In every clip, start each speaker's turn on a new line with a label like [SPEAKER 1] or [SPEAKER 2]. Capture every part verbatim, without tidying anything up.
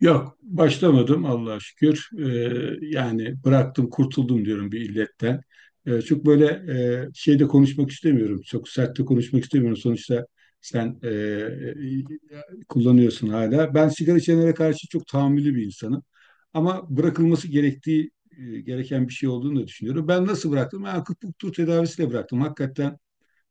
[SPEAKER 1] Yok, başlamadım Allah'a şükür. Ee, yani bıraktım, kurtuldum diyorum bir illetten. Ee, çok böyle e, şeyde konuşmak istemiyorum. Çok sert de konuşmak istemiyorum. Sonuçta sen e, e, kullanıyorsun hala. Ben sigara içenlere karşı çok tahammüllü bir insanım. Ama bırakılması gerektiği e, gereken bir şey olduğunu da düşünüyorum. Ben nasıl bıraktım? Ben akupunktur tedavisiyle bıraktım. Hakikaten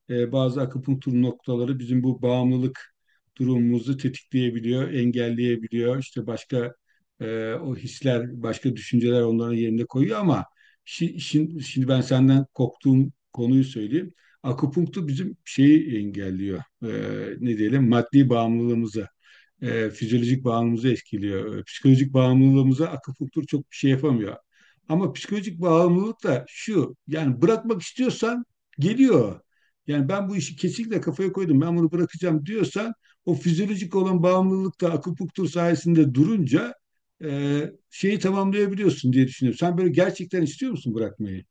[SPEAKER 1] e, bazı akupunktur noktaları bizim bu bağımlılık durumumuzu tetikleyebiliyor, engelleyebiliyor. İşte başka e, o hisler, başka düşünceler onların yerine koyuyor ama şi- şimdi, şimdi ben senden korktuğum konuyu söyleyeyim. Akupunktur bizim şeyi engelliyor. E, ne diyelim? Maddi bağımlılığımızı e, fizyolojik bağımlılığımızı etkiliyor. E, Psikolojik bağımlılığımıza akupunktur çok bir şey yapamıyor. Ama psikolojik bağımlılık da şu, yani bırakmak istiyorsan geliyor. Yani ben bu işi kesinlikle kafaya koydum, ben bunu bırakacağım diyorsan o fizyolojik olan bağımlılık da akupunktur sayesinde durunca e, şeyi tamamlayabiliyorsun diye düşünüyorum. Sen böyle gerçekten istiyor musun bırakmayı?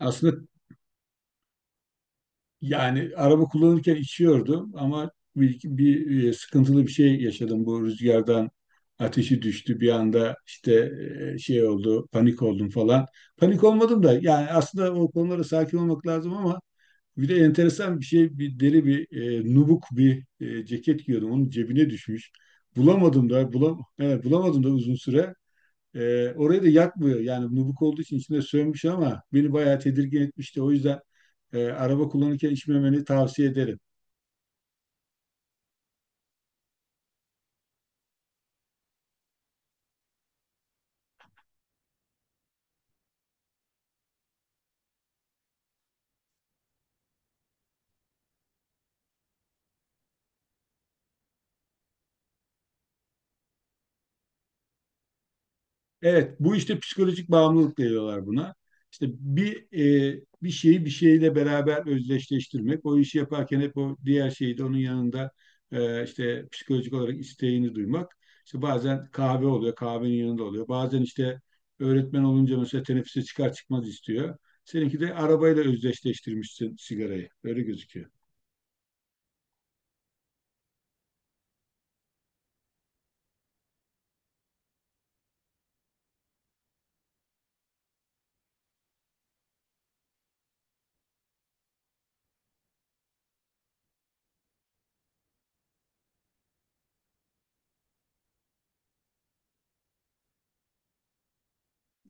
[SPEAKER 1] Aslında, Yani araba kullanırken içiyordum ama bir, bir e, sıkıntılı bir şey yaşadım. Bu rüzgardan ateşi düştü bir anda, işte e, şey oldu, panik oldum falan. Panik olmadım da, yani aslında o konulara sakin olmak lazım ama bir de enteresan bir şey: bir deri bir e, nubuk bir e, ceket giyiyordum. Onun cebine düşmüş. Bulamadım da, bulam evet, bulamadım da uzun süre. Ee, orayı da yakmıyor. Yani nubuk olduğu için içine sönmüş ama beni bayağı tedirgin etmişti. O yüzden e, araba kullanırken içmemeni tavsiye ederim. Evet, bu işte psikolojik bağımlılık diyorlar buna. İşte bir e, bir şeyi bir şeyle beraber özdeşleştirmek, o işi yaparken hep o diğer şeyi de onun yanında e, işte psikolojik olarak isteğini duymak. İşte bazen kahve oluyor, kahvenin yanında oluyor. Bazen işte öğretmen olunca mesela teneffüse çıkar çıkmaz istiyor. Seninki de arabayla özdeşleştirmişsin sigarayı. Öyle gözüküyor.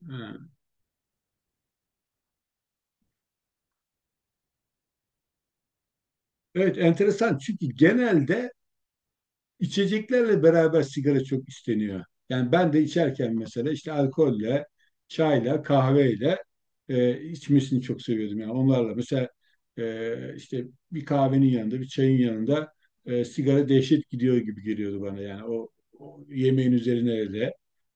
[SPEAKER 1] Ha. Evet, enteresan. Çünkü genelde içeceklerle beraber sigara çok isteniyor. Yani ben de içerken mesela işte alkolle, çayla, kahveyle e, içmesini çok seviyordum. Yani onlarla mesela e, işte bir kahvenin yanında, bir çayın yanında e, sigara dehşet gidiyor gibi geliyordu bana. Yani o, o yemeğin üzerine öyle.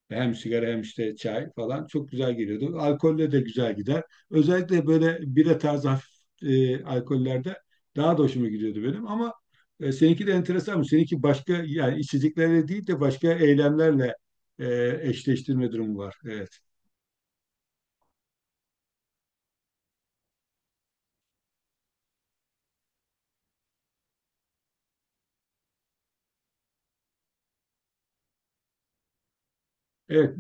[SPEAKER 1] Hem sigara hem işte çay falan çok güzel geliyordu. Alkolle de güzel gider. Özellikle böyle bira tarzı hafif e, alkollerde daha da hoşuma gidiyordu benim. Ama e, seninki de enteresan mı? Seninki başka, yani içeceklerle değil de başka eylemlerle e, eşleştirme durumu var. Evet. Evet,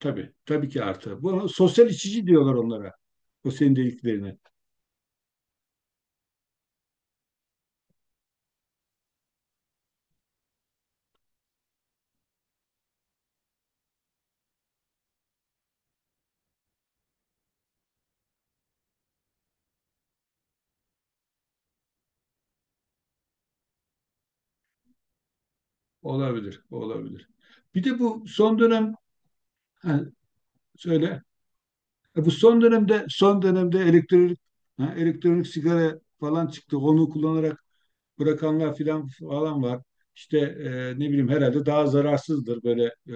[SPEAKER 1] tabii. Tabii ki artı. Bunu sosyal içici diyorlar onlara. O senin dediklerine. Olabilir. Olabilir. Bir de bu son dönem, ha, söyle. E bu son dönemde son dönemde elektronik, ha, elektronik sigara falan çıktı. Onu kullanarak bırakanlar filan falan var. İşte e, ne bileyim, herhalde daha zararsızdır böyle, e,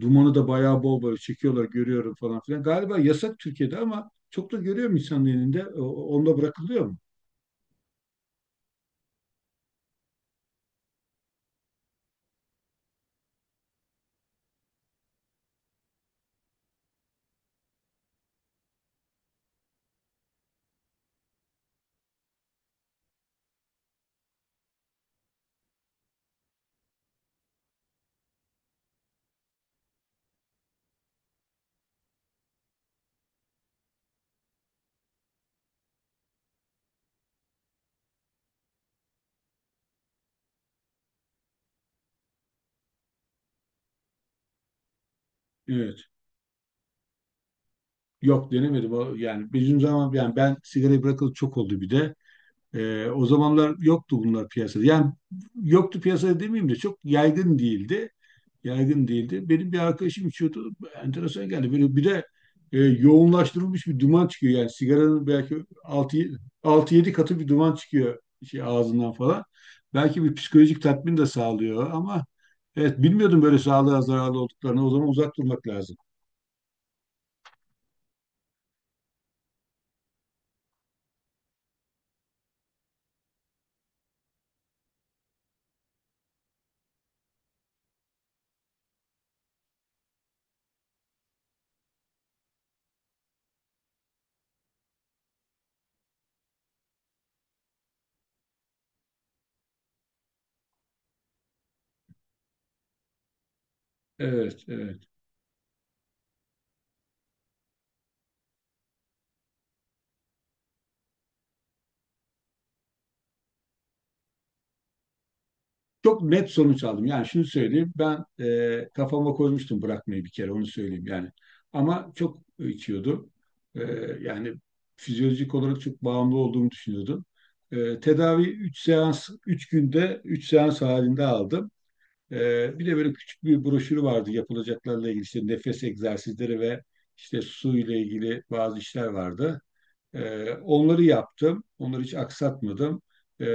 [SPEAKER 1] dumanı da bayağı bol böyle çekiyorlar, görüyorum falan filan. Galiba yasak Türkiye'de ama çok da görüyorum insanın elinde. O- Onda bırakılıyor mu? Evet. Yok, denemedim. O- Yani bizim zaman, yani ben sigarayı bırakalı çok oldu bir de. E, o zamanlar yoktu bunlar piyasada. Yani yoktu piyasada demeyeyim de çok yaygın değildi. Yaygın değildi. Benim bir arkadaşım içiyordu. Enteresan geldi. Böyle bir de e, yoğunlaştırılmış bir duman çıkıyor. Yani sigaranın belki altı yedi katı bir duman çıkıyor şey ağzından falan. Belki bir psikolojik tatmin de sağlıyor ama evet, bilmiyordum böyle sağlığa zararlı olduklarını. O zaman uzak durmak lazım. Evet, evet. Çok net sonuç aldım. Yani şunu söyleyeyim. Ben e, kafama koymuştum bırakmayı, bir kere onu söyleyeyim yani. Ama çok içiyordum. E, yani fizyolojik olarak çok bağımlı olduğumu düşünüyordum. E, tedavi üç seans, üç günde üç seans halinde aldım. E, bir de böyle küçük bir broşürü vardı yapılacaklarla ilgili: işte nefes egzersizleri ve işte su ile ilgili bazı işler vardı. Ee, onları yaptım. Onları hiç aksatmadım. Ee,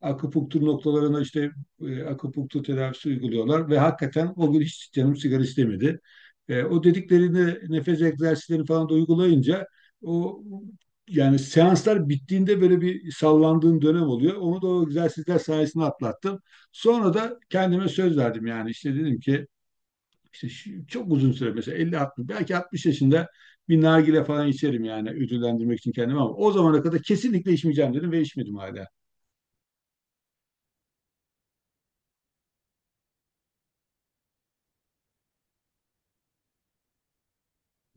[SPEAKER 1] akupunktur noktalarına işte e, akupunktur tedavisi uyguluyorlar ve hakikaten o gün hiç canım sigara istemedi. Ee, o dediklerini, nefes egzersizlerini falan da uygulayınca o yani seanslar bittiğinde böyle bir sallandığım dönem oluyor. Onu da o egzersizler sayesinde atlattım. Sonra da kendime söz verdim, yani işte dedim ki işte şu- çok uzun süre, mesela elli altmış, belki altmış yaşında bir nargile falan içerim, yani ödüllendirmek için kendimi, ama o zamana kadar kesinlikle içmeyeceğim dedim ve içmedim hala.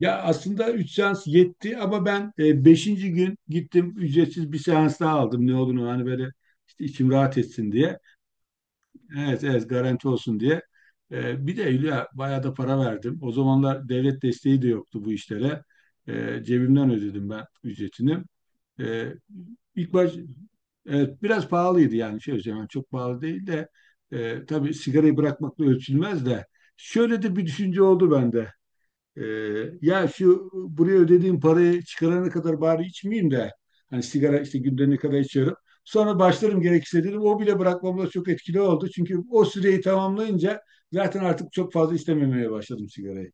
[SPEAKER 1] Ya aslında üç seans yetti ama ben e, beşinci gün gittim, ücretsiz bir seans daha aldım, ne olduğunu hani böyle, işte içim rahat etsin diye. Evet, evet, garanti olsun diye. E, bir de Hülya, bayağı da para verdim. O zamanlar devlet desteği de yoktu bu işlere. E, cebimden ödedim ben ücretini. Ee, ilk baş Evet, biraz pahalıydı, yani şey söyleyeyim, yani çok pahalı değil de e, tabii sigarayı bırakmakla ölçülmez de, şöyle de bir düşünce oldu bende. Ee, ya şu buraya ödediğim parayı çıkarana kadar bari içmeyeyim de, hani sigara işte günde ne kadar içiyorum. Sonra başlarım gerekirse dedim. O bile bırakmamda çok etkili oldu. Çünkü o süreyi tamamlayınca zaten artık çok fazla istememeye başladım sigarayı.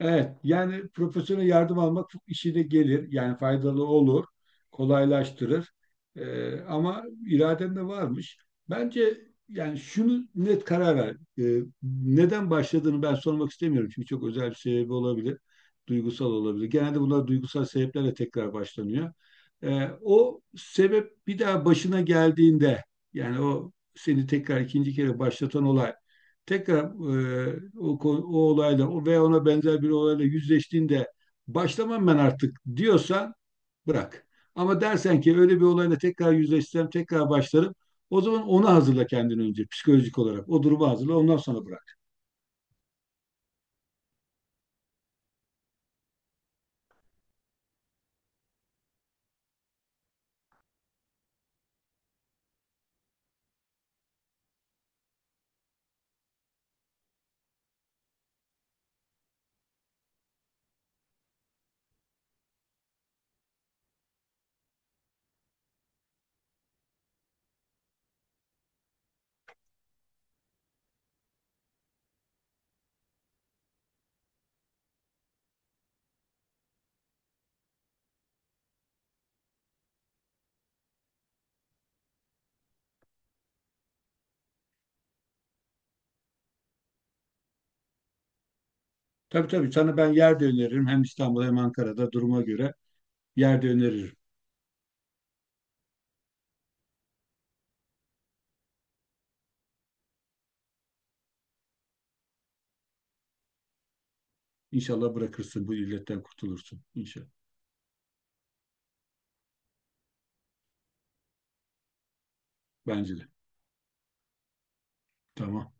[SPEAKER 1] Evet, yani profesyonel yardım almak çok işine gelir. Yani faydalı olur, kolaylaştırır. Ee, ama iraden de varmış. Bence yani şunu net karar ver. Ee, neden başladığını ben sormak istemiyorum. Çünkü çok özel bir sebebi olabilir. Duygusal olabilir. Genelde bunlar duygusal sebeplerle tekrar başlanıyor. Ee, o sebep bir daha başına geldiğinde, yani o seni tekrar ikinci kere başlatan olay, tekrar e, o, ko- o olayla, o veya ona benzer bir olayla yüzleştiğinde başlamam ben artık diyorsan, bırak. Ama dersen ki öyle bir olayla tekrar yüzleşsem tekrar başlarım, o zaman onu hazırla, kendini önce psikolojik olarak. O durumu hazırla, ondan sonra bırak. Tabii tabii, sana ben yer de öneririm. Hem İstanbul'da hem Ankara'da, duruma göre yer de öneririm. İnşallah bırakırsın, bu illetten kurtulursun. İnşallah. Bence de. Tamam.